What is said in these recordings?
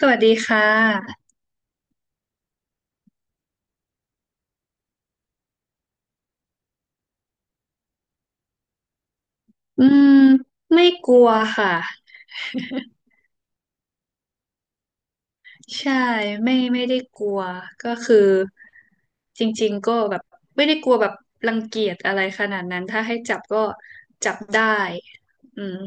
สวัสดีค่ะอืมไม่กลัวค่ะ ใช่ไม่ไม่ได้กลัว ก็คือจริงๆก็แบบ ไม่ได้กลัวแบบรังเกียจอะไรขนาดนั้น ถ้าให้จับก็จับได้อืม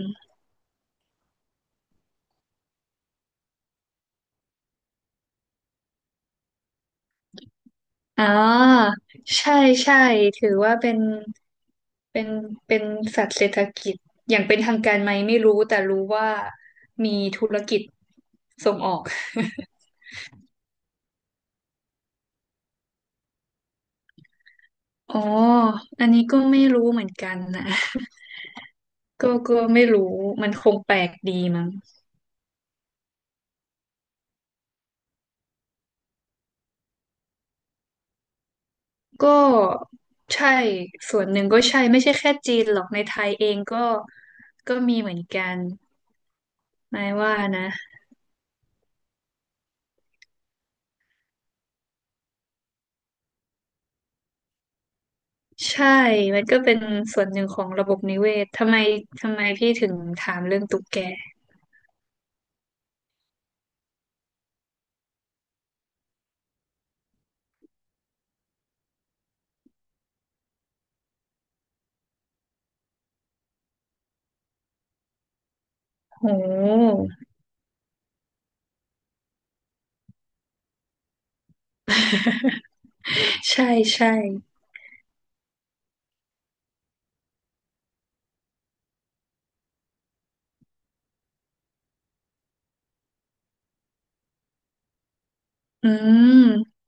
อ๋อใช่ใช่ถือว่าเป็น เป็นเป็นสัตว์เศรษฐกิจ อย่างเป็นทางการไหมไม่รู้แต่รู้ว่ามีธุรกิจส่งออกอ๋อ อันนี้ก็ไม่รู้เหมือนกันนะ ก็ไม่รู้มันคงแปลกดีมั้งก็ใช่ส่วนหนึ่งก็ใช่ไม่ใช่แค่จีนหรอกในไทยเองก็ก็มีเหมือนกันนายว่านะใช่มันก็เป็นส่วนหนึ่งของระบบนิเวศทำไมพี่ถึงถามเรื่องตุ๊กแกโห ใช่ใช่อืม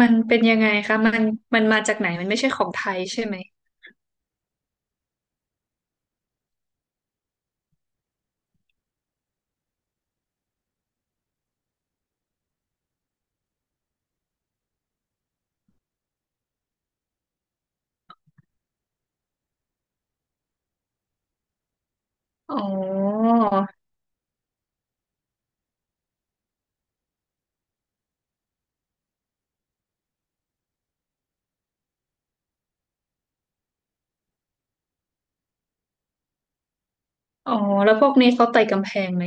มันเป็นยังไงคะมันมาจากไหนมันไม่ใช่ของไทยใช่ไหมอ๋ออ๋อแล้วพวกนี้เขาไต่กำแพงไหม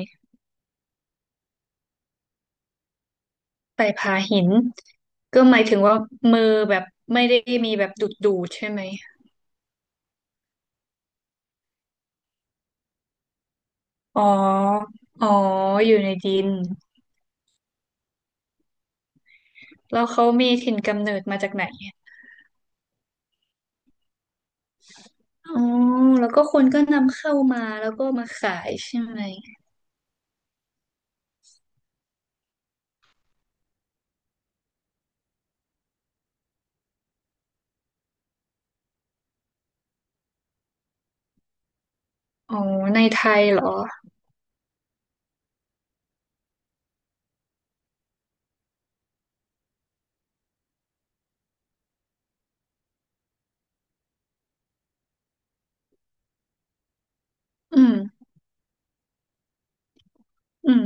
ใส่ผาหินก็หมายถึงว่ามือแบบไม่ได้มีแบบดูดใช่ไหมอ๋ออ๋ออยู่ในดินแล้วเขามีถิ่นกำเนิดมาจากไหนอ๋อแล้วก็คนก็นำเข้ามาแล้วก็มาขายใช่ไหมอ๋อในไทยเหรออืมอืม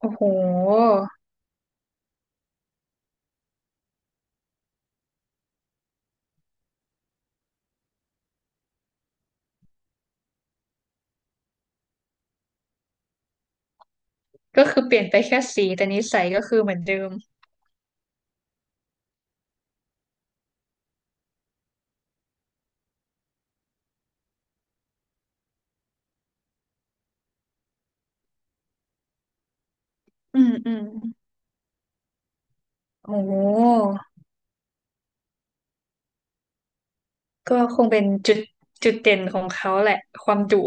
โอ้โหก็คือเปลี่ยนไปแค่สีแต่นิสัยก็คือเหมือนเดิมอืมอืมโอ้โหก็คงเป็นจุดเด่นของเขาแหละความดุ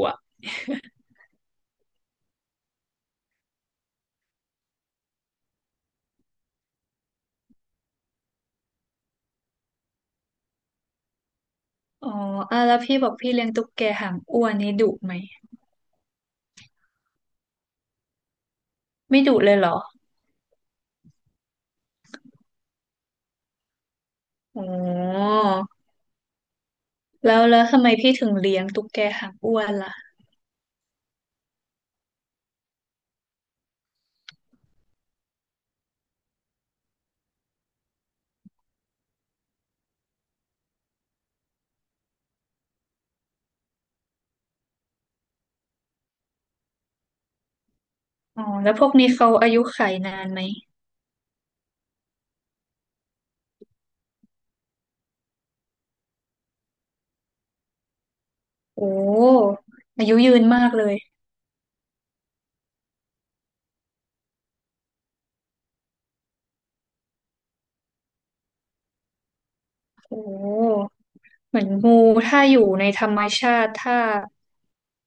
อ๋ออ่ะแล้วพี่บอกพี่เลี้ยงตุ๊กแกหางอ้วนนี่ดุไหมไม่ดุเลยเหรออ๋อแล้วทำไมพี่ถึงเลี้ยงตุ๊กแกหางอ้วนล่ะอ๋อแล้วพวกนี้เขาอายุขัยนานไหมโอ้อายุยืนมากเลยโอ้เหมือนงูถ้าอยู่ในธรรมชาติถ้า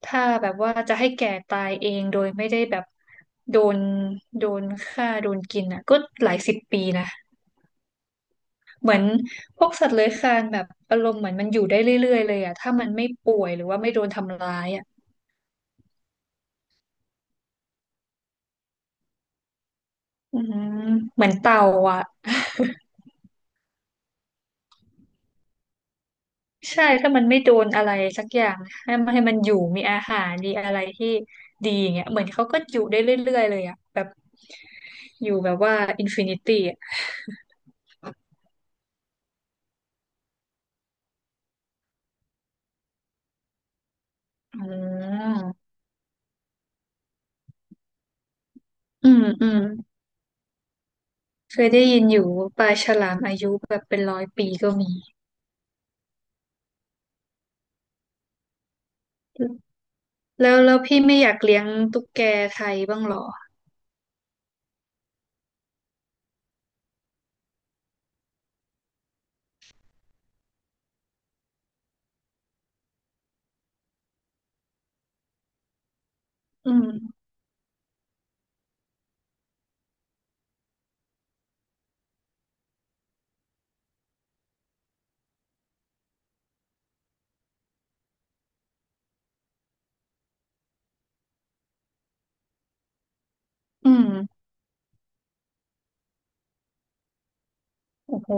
แบบว่าจะให้แก่ตายเองโดยไม่ได้แบบโดนฆ่าโดนกินอ่ะก็หลายสิบปีนะ เหมือนพวกสัตว์เลื้อยคลานแบบอารมณ์เหมือนมันอยู่ได้เรื่อยๆเลยอะถ้ามันไม่ป่วยหรือว่าไม่โดนทำร้ายอะอืมเหมือนเต่าอะ ใช่ถ้ามันไม่โดนอะไรสักอย่างให้มันอยู่มีอาหารดีอะไรที่ดีอย่างเงี้ยเหมือนเขาก็อยู่ได้เรื่อยๆเลยอะแบบอยู่แบบว่าอินฟินิตี้อะอืมอืมอืมเคยได้ยินอยู่ว่าปลาฉลามอายุแบบเป็นร้อยปีก็มีแล้วพี่ไม่อยากเลี้ยงตุ๊กแกไทยบ้างเหรออืม อืมโอ้โห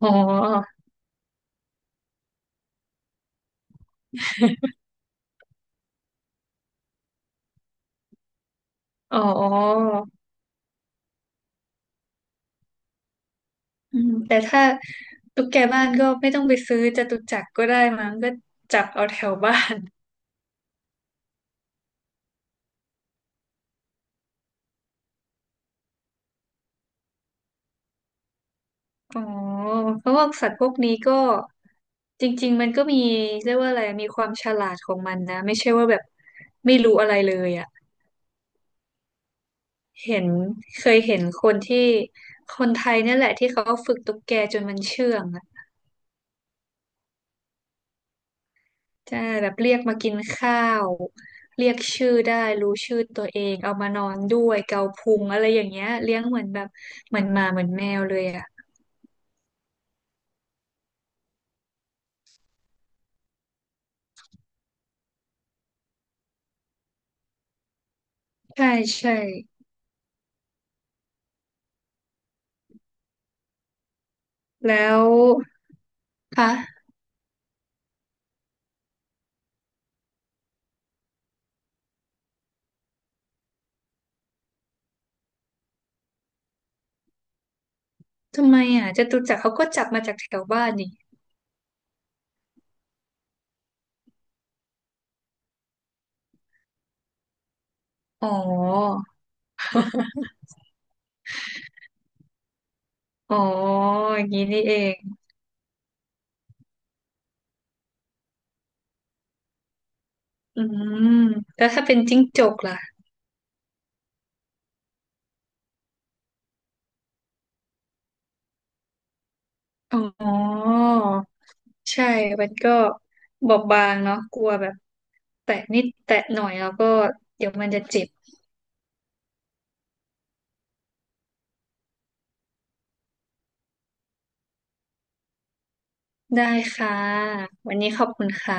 อ๋อ อ๋ออืมแต่ถ้าตุ๊กแกบ้านก็ไม่ต้องไปซื้อจตุจักรก็ได้มั้งก็จับเอาแถวบ้าน อ๋อ เพราะว่าสัตว์พวกนี้ก็จริงๆมันก็มีเรียกว่าอะไรมีความฉลาดของมันนะไม่ใช่ว่าแบบไม่รู้อะไรเลยอ่ะเห็นเคยเห็นคนที่คนไทยเนี่ยแหละที่เขาฝึกตุ๊กแกจนมันเชื่องอะ ใช่แบบเรียกมากินข้าวเรียกชื่อได้รู้ชื่อตัวเองเอามานอนด้วยเกาพุงอะไรอย่างเงี้ยเลี้ยงเหมือนแบบเหมือนหมาเหมือนแมวเลยอ่ะใช่ใช่แล้วคะทำไมอ่ะจตุจักรเขาก็จับมาจากแถวบ้านนี่อ๋ออ๋ออย่างนี้นี่เองอืมแล้วถ้าเป็นจิ้งจกล่ะอ๋อใช่มันก็บอบบางเนาะกลัวแบบแตะนิดแตะหน่อยแล้วก็เดี๋ยวมันจะเจ็บ ได้ค่ะ วันนี้ขอบคุณค่ะ